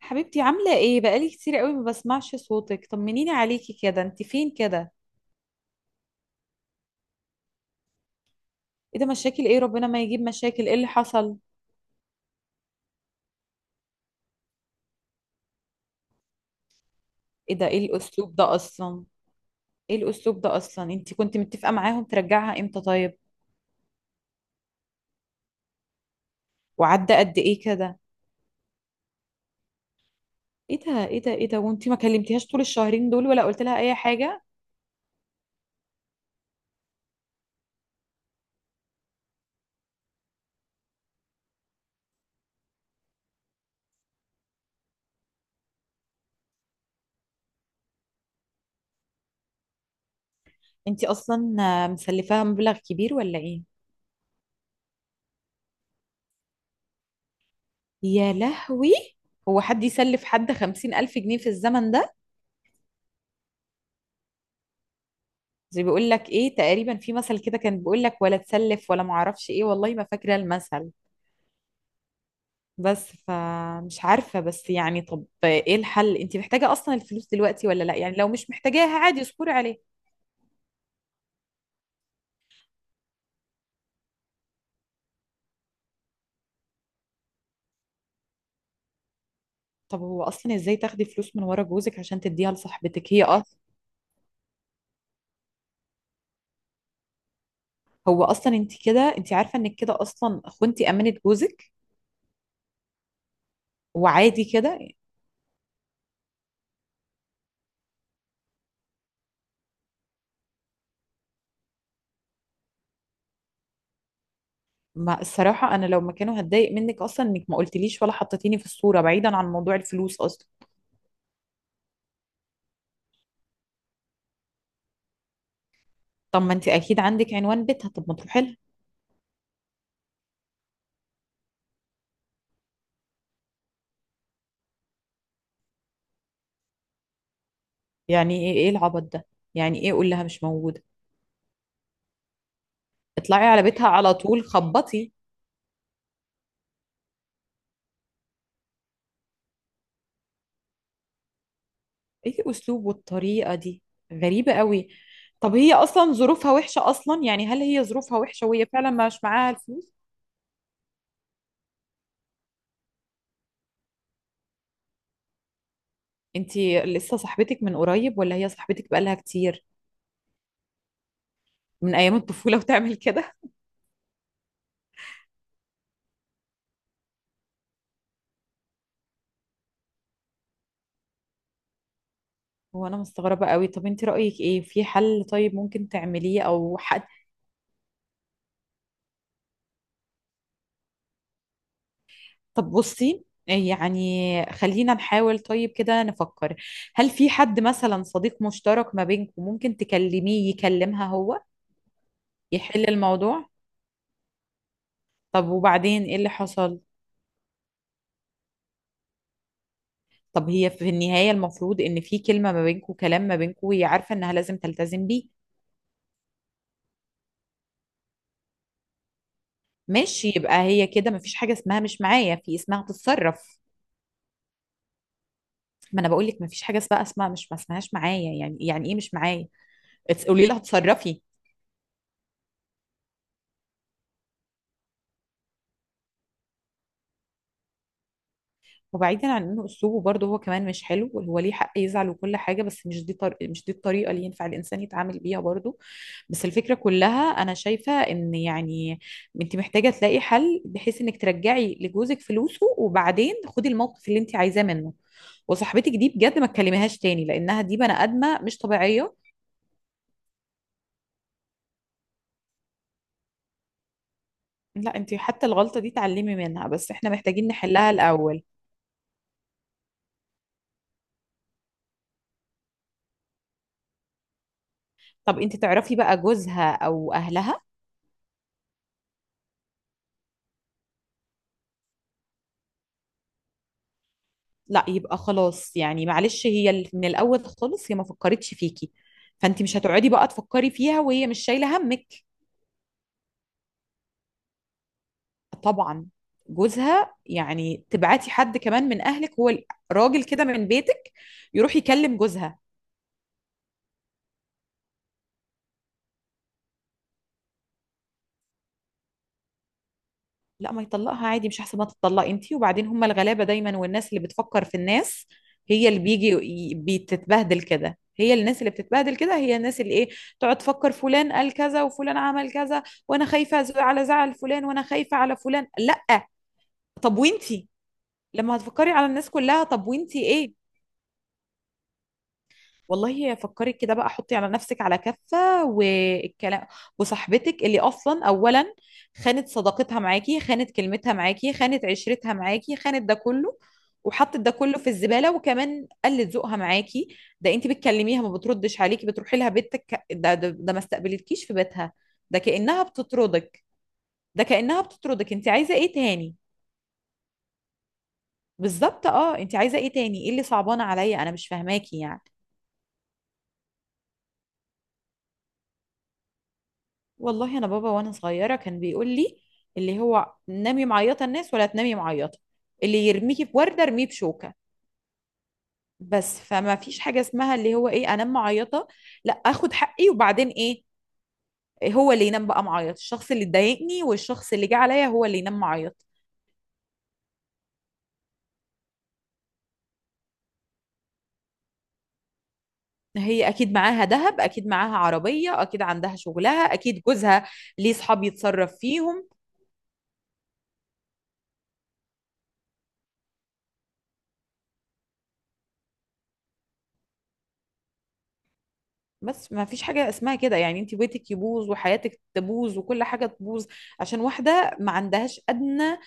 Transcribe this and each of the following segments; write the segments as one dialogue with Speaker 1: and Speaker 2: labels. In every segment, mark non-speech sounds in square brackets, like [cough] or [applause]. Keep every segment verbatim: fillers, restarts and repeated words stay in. Speaker 1: حبيبتي، عاملة ايه؟ بقالي كتير قوي ما بسمعش صوتك. طمنيني عليكي كده، انت فين كده؟ ايه ده؟ مشاكل ايه؟ ربنا ما يجيب. مشاكل ايه اللي حصل؟ ايه ده؟ ايه الاسلوب ده اصلا؟ ايه الاسلوب ده اصلا؟ انت كنت متفقة معاهم ترجعها امتى طيب؟ وعدى قد ايه كده؟ ايه ده؟ ايه ده؟ ايه ده؟ وانت ما كلمتيهاش طول الشهرين دول ولا قلت لها اي حاجة؟ انت اصلا آه، مسلفاها مبلغ كبير ولا ايه؟ يا لهوي! هو حد يسلف حد خمسين ألف جنيه في الزمن ده؟ زي بيقول لك ايه تقريبا؟ في مثل كده كان بيقول لك ولا تسلف ولا معرفش ايه، والله ما فاكرة المثل. بس فمش عارفة، بس يعني طب ايه الحل؟ انت محتاجة اصلا الفلوس دلوقتي ولا لا؟ يعني لو مش محتاجاها عادي اصبري عليها. طب هو اصلا ازاي تاخدي فلوس من ورا جوزك عشان تديها لصاحبتك هي اصلا؟ هو اصلا انت كده، انت عارفة انك كده اصلا خنتي امانة جوزك؟ وعادي كده؟ ما الصراحة، انا لو مكانه هتضايق منك اصلا انك ما قلتليش ولا حطيتيني في الصورة، بعيدا عن موضوع الفلوس اصلا. طب ما انت اكيد عندك عنوان بيتها، طب ما تروحي لها. يعني ايه؟ ايه العبط ده؟ يعني ايه قول لها مش موجودة؟ اطلعي على بيتها على طول، خبطي. ايه الاسلوب والطريقة دي؟ غريبة قوي. طب هي اصلا ظروفها وحشة اصلا؟ يعني هل هي ظروفها وحشة وهي فعلا مش معاها الفلوس؟ انتي لسه صاحبتك من قريب ولا هي صاحبتك بقالها كتير؟ من ايام الطفولة وتعمل كده؟ [laughs] وانا مستغربة قوي. طب انتي رأيك ايه في حل طيب ممكن تعمليه او حق؟ طب بصي، يعني خلينا نحاول طيب كده نفكر. هل في حد مثلا صديق مشترك ما بينكم ممكن تكلميه يكلمها هو؟ يحل الموضوع. طب وبعدين ايه اللي حصل؟ طب هي في النهاية المفروض ان في كلمة ما بينكم، كلام ما بينكم وهي عارفة انها لازم تلتزم بيه. ماشي، يبقى هي كده مفيش حاجة اسمها مش معايا، في اسمها تتصرف. ما انا بقول لك مفيش حاجة اسمها اسمها مش ما اسمهاش معايا، يعني يعني ايه مش معايا؟ اتس- قولي لها اتصرفي. وبعيدا عن انه اسلوبه برضه هو كمان مش حلو، هو ليه حق يزعل وكل حاجه، بس مش دي طر... مش دي الطريقه اللي ينفع الانسان يتعامل بيها برضه. بس الفكره كلها انا شايفه ان يعني، انت محتاجه تلاقي حل بحيث انك ترجعي لجوزك فلوسه، وبعدين خدي الموقف اللي انت عايزاه منه. وصاحبتك دي بجد ما تكلميهاش تاني، لانها دي بني ادمه مش طبيعيه. لا، انت حتى الغلطه دي اتعلمي منها، بس احنا محتاجين نحلها الاول. طب انت تعرفي بقى جوزها او اهلها؟ لا، يبقى خلاص، يعني معلش هي ال- من الاول خالص هي ما فكرتش فيكي. فانت مش هتقعدي بقى تفكري فيها وهي مش شايله همك. طبعا. جوزها، يعني تبعتي حد كمان من اهلك، هو ال- راجل كده من بيتك، يروح يكلم جوزها. لا ما يطلقها عادي، مش احسن ما تطلقي انتي؟ وبعدين هم الغلابة دايما والناس اللي بتفكر في الناس. هي اللي بيجي ي- بتتبهدل كده، هي الناس اللي بتتبهدل كده، هي الناس اللي ايه، تقعد تفكر فلان قال كذا وفلان عمل كذا، وانا خايفة أز- على زعل فلان وانا خايفة على فلان، لا. طب وانتي؟ لما هتفكري على الناس كلها، طب وانتي ايه؟ والله فكري كده بقى، حطي على نفسك على كفة والكلام، وصاحبتك اللي أصلا، أولا خانت صداقتها معاكي، خانت كلمتها معاكي، خانت عشرتها معاكي، خانت ده كله. وحطت ده كله في الزبالة، وكمان قلت ذوقها معاكي. ده انت بتكلميها ما بتردش عليكي، بتروحي لها بيتك، ده ده, ده ما استقبلتكيش في بيتها. ده كأنها بتطردك، ده كأنها بتطردك، انت عايزة ايه تاني؟ بالظبط، اه، انت عايزة ايه تاني؟ ايه اللي صعبان عليا، انا مش فاهماكي يعني. والله انا بابا وانا صغيره كان بيقول لي، اللي هو نامي معيطه الناس ولا تنامي معيطه، اللي يرميكي بورده ارميه بشوكه. بس فما فيش حاجه اسمها اللي هو ايه انام معيطه، لا، اخد حقي وبعدين ايه؟ هو اللي ينام بقى معيط، الشخص اللي ضايقني والشخص اللي جه عليا هو اللي ينام معيط. هي اكيد معاها ذهب، اكيد معاها عربيه، اكيد عندها شغلها، اكيد جوزها، ليه صحاب يتصرف فيهم. بس ما فيش حاجة اسمها كده، يعني انت بيتك يبوظ وحياتك تبوظ وكل حاجة تبوظ، عشان واحدة ما عندهاش أدنى،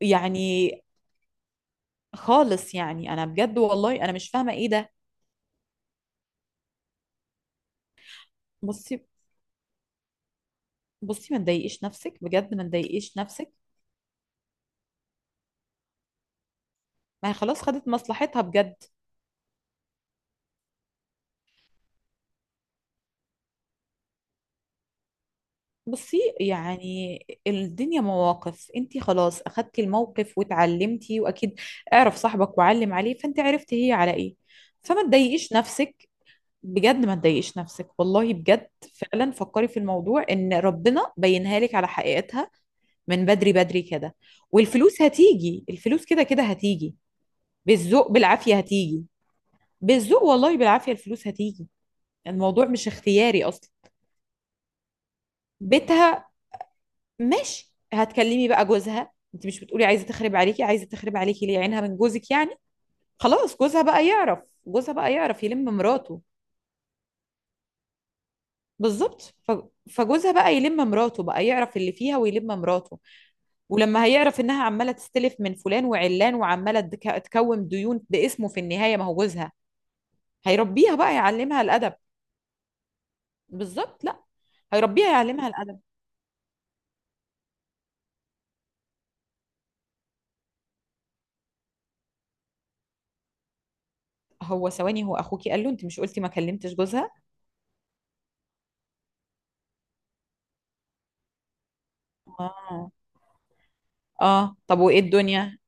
Speaker 1: يعني خالص، يعني انا بجد والله انا مش فاهمة ايه ده. بصي، بصي ما تضايقيش نفسك، بجد ما تضايقيش نفسك. ما هي خلاص خدت مصلحتها بجد. بصي يعني، الدنيا مواقف، انت خلاص اخدتي الموقف واتعلمتي، واكيد اعرف صاحبك وعلم عليه، فانت عرفتي هي على ايه. فما تضايقيش نفسك، بجد ما تضايقيش نفسك والله بجد. فعلا فكري في الموضوع ان ربنا بينها لك على حقيقتها، من بدري بدري كده. والفلوس هتيجي، الفلوس كده كده هتيجي. بالذوق بالعافية هتيجي. بالذوق والله بالعافية الفلوس هتيجي. الموضوع مش اختياري اصلا. بيتها، ماشي. هتكلمي بقى جوزها، انت مش بتقولي عايزة تخرب عليكي؟ عايزة تخرب عليكي ليه؟ عينها من جوزك يعني. خلاص، جوزها بقى يعرف. جوزها بقى يعرف يلم مراته. بالظبط، ف- فجوزها بقى يلم مراته، بقى يعرف اللي فيها ويلم مراته. ولما هيعرف انها عماله تستلف من فلان وعلان وعماله تك- تكون ديون باسمه في النهايه، ما هو جوزها. هيربيها بقى يعلمها الادب. بالظبط، لا. هيربيها يعلمها الادب. هو ثواني، هو اخوكي قال له؟ انت مش قلتي ما كلمتش جوزها؟ اه، اه. طب وايه الدنيا؟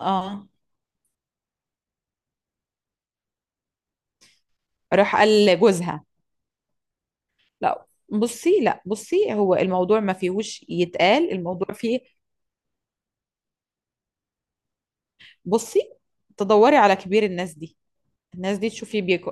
Speaker 1: اه، راح قال لجوزها؟ لا بصي، لا بصي، هو الموضوع ما فيهوش يتقال، الموضوع فيه. بصي، تدوري على كبير الناس دي. الناس دي تشوفي بيك.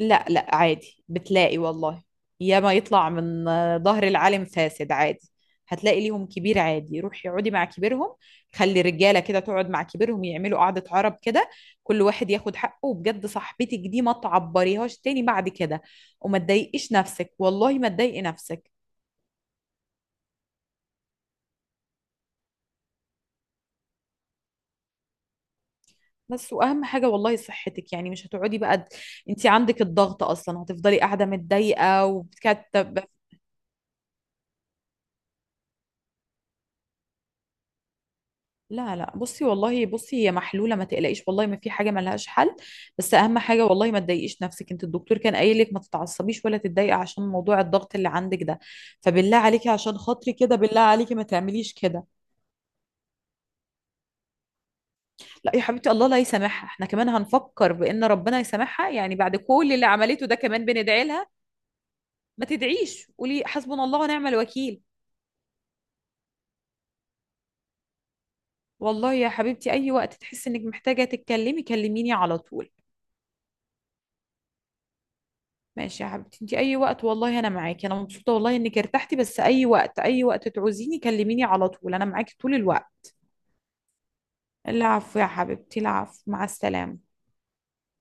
Speaker 1: لا لا، عادي بتلاقي والله. ياما يطلع من آه، ظهر العالم فاسد عادي. هتلاقي ليهم كبير عادي، روحي اقعدي مع كبيرهم. خلي رجاله كده تقعد مع كبيرهم، يعملوا قعدة عرب كده. كل واحد ياخد حقه، وبجد صاحبتك دي ما تعبريهاش تاني بعد كده. وما تضايقيش نفسك، والله ما تضايقي نفسك. بس واهم حاجة والله صحتك، يعني مش هتقعدي بقى، انت عندك الضغط اصلا هتفضلي قاعدة متضايقة وبتكتب. لا لا، بصي والله بصي، هي محلولة ما تقلقيش، والله ما في حاجة ملهاش حل. بس أهم حاجة والله ما تضايقيش نفسك، انت الدكتور كان قايل لك ما تتعصبيش ولا تتضايقي عشان موضوع الضغط اللي عندك ده. فبالله عليكي عشان خاطري كده، بالله عليكي ما تعمليش كده. لا يا حبيبتي، الله لا يسامحها، احنا كمان هنفكر بأن ربنا يسامحها يعني؟ بعد كل اللي عملته ده كمان بندعي لها؟ ما تدعيش، قولي حسبنا الله ونعم الوكيل. والله يا حبيبتي، أي وقت تحسي إنك محتاجة تتكلمي كلميني على طول. ماشي يا حبيبتي، انت اي وقت والله انا معاكي، انا مبسوطه والله انك ارتحتي، بس اي وقت اي وقت تعوزيني كلميني على طول، انا معاكي طول الوقت. العفو يا حبيبتي، العفو، مع السلامه.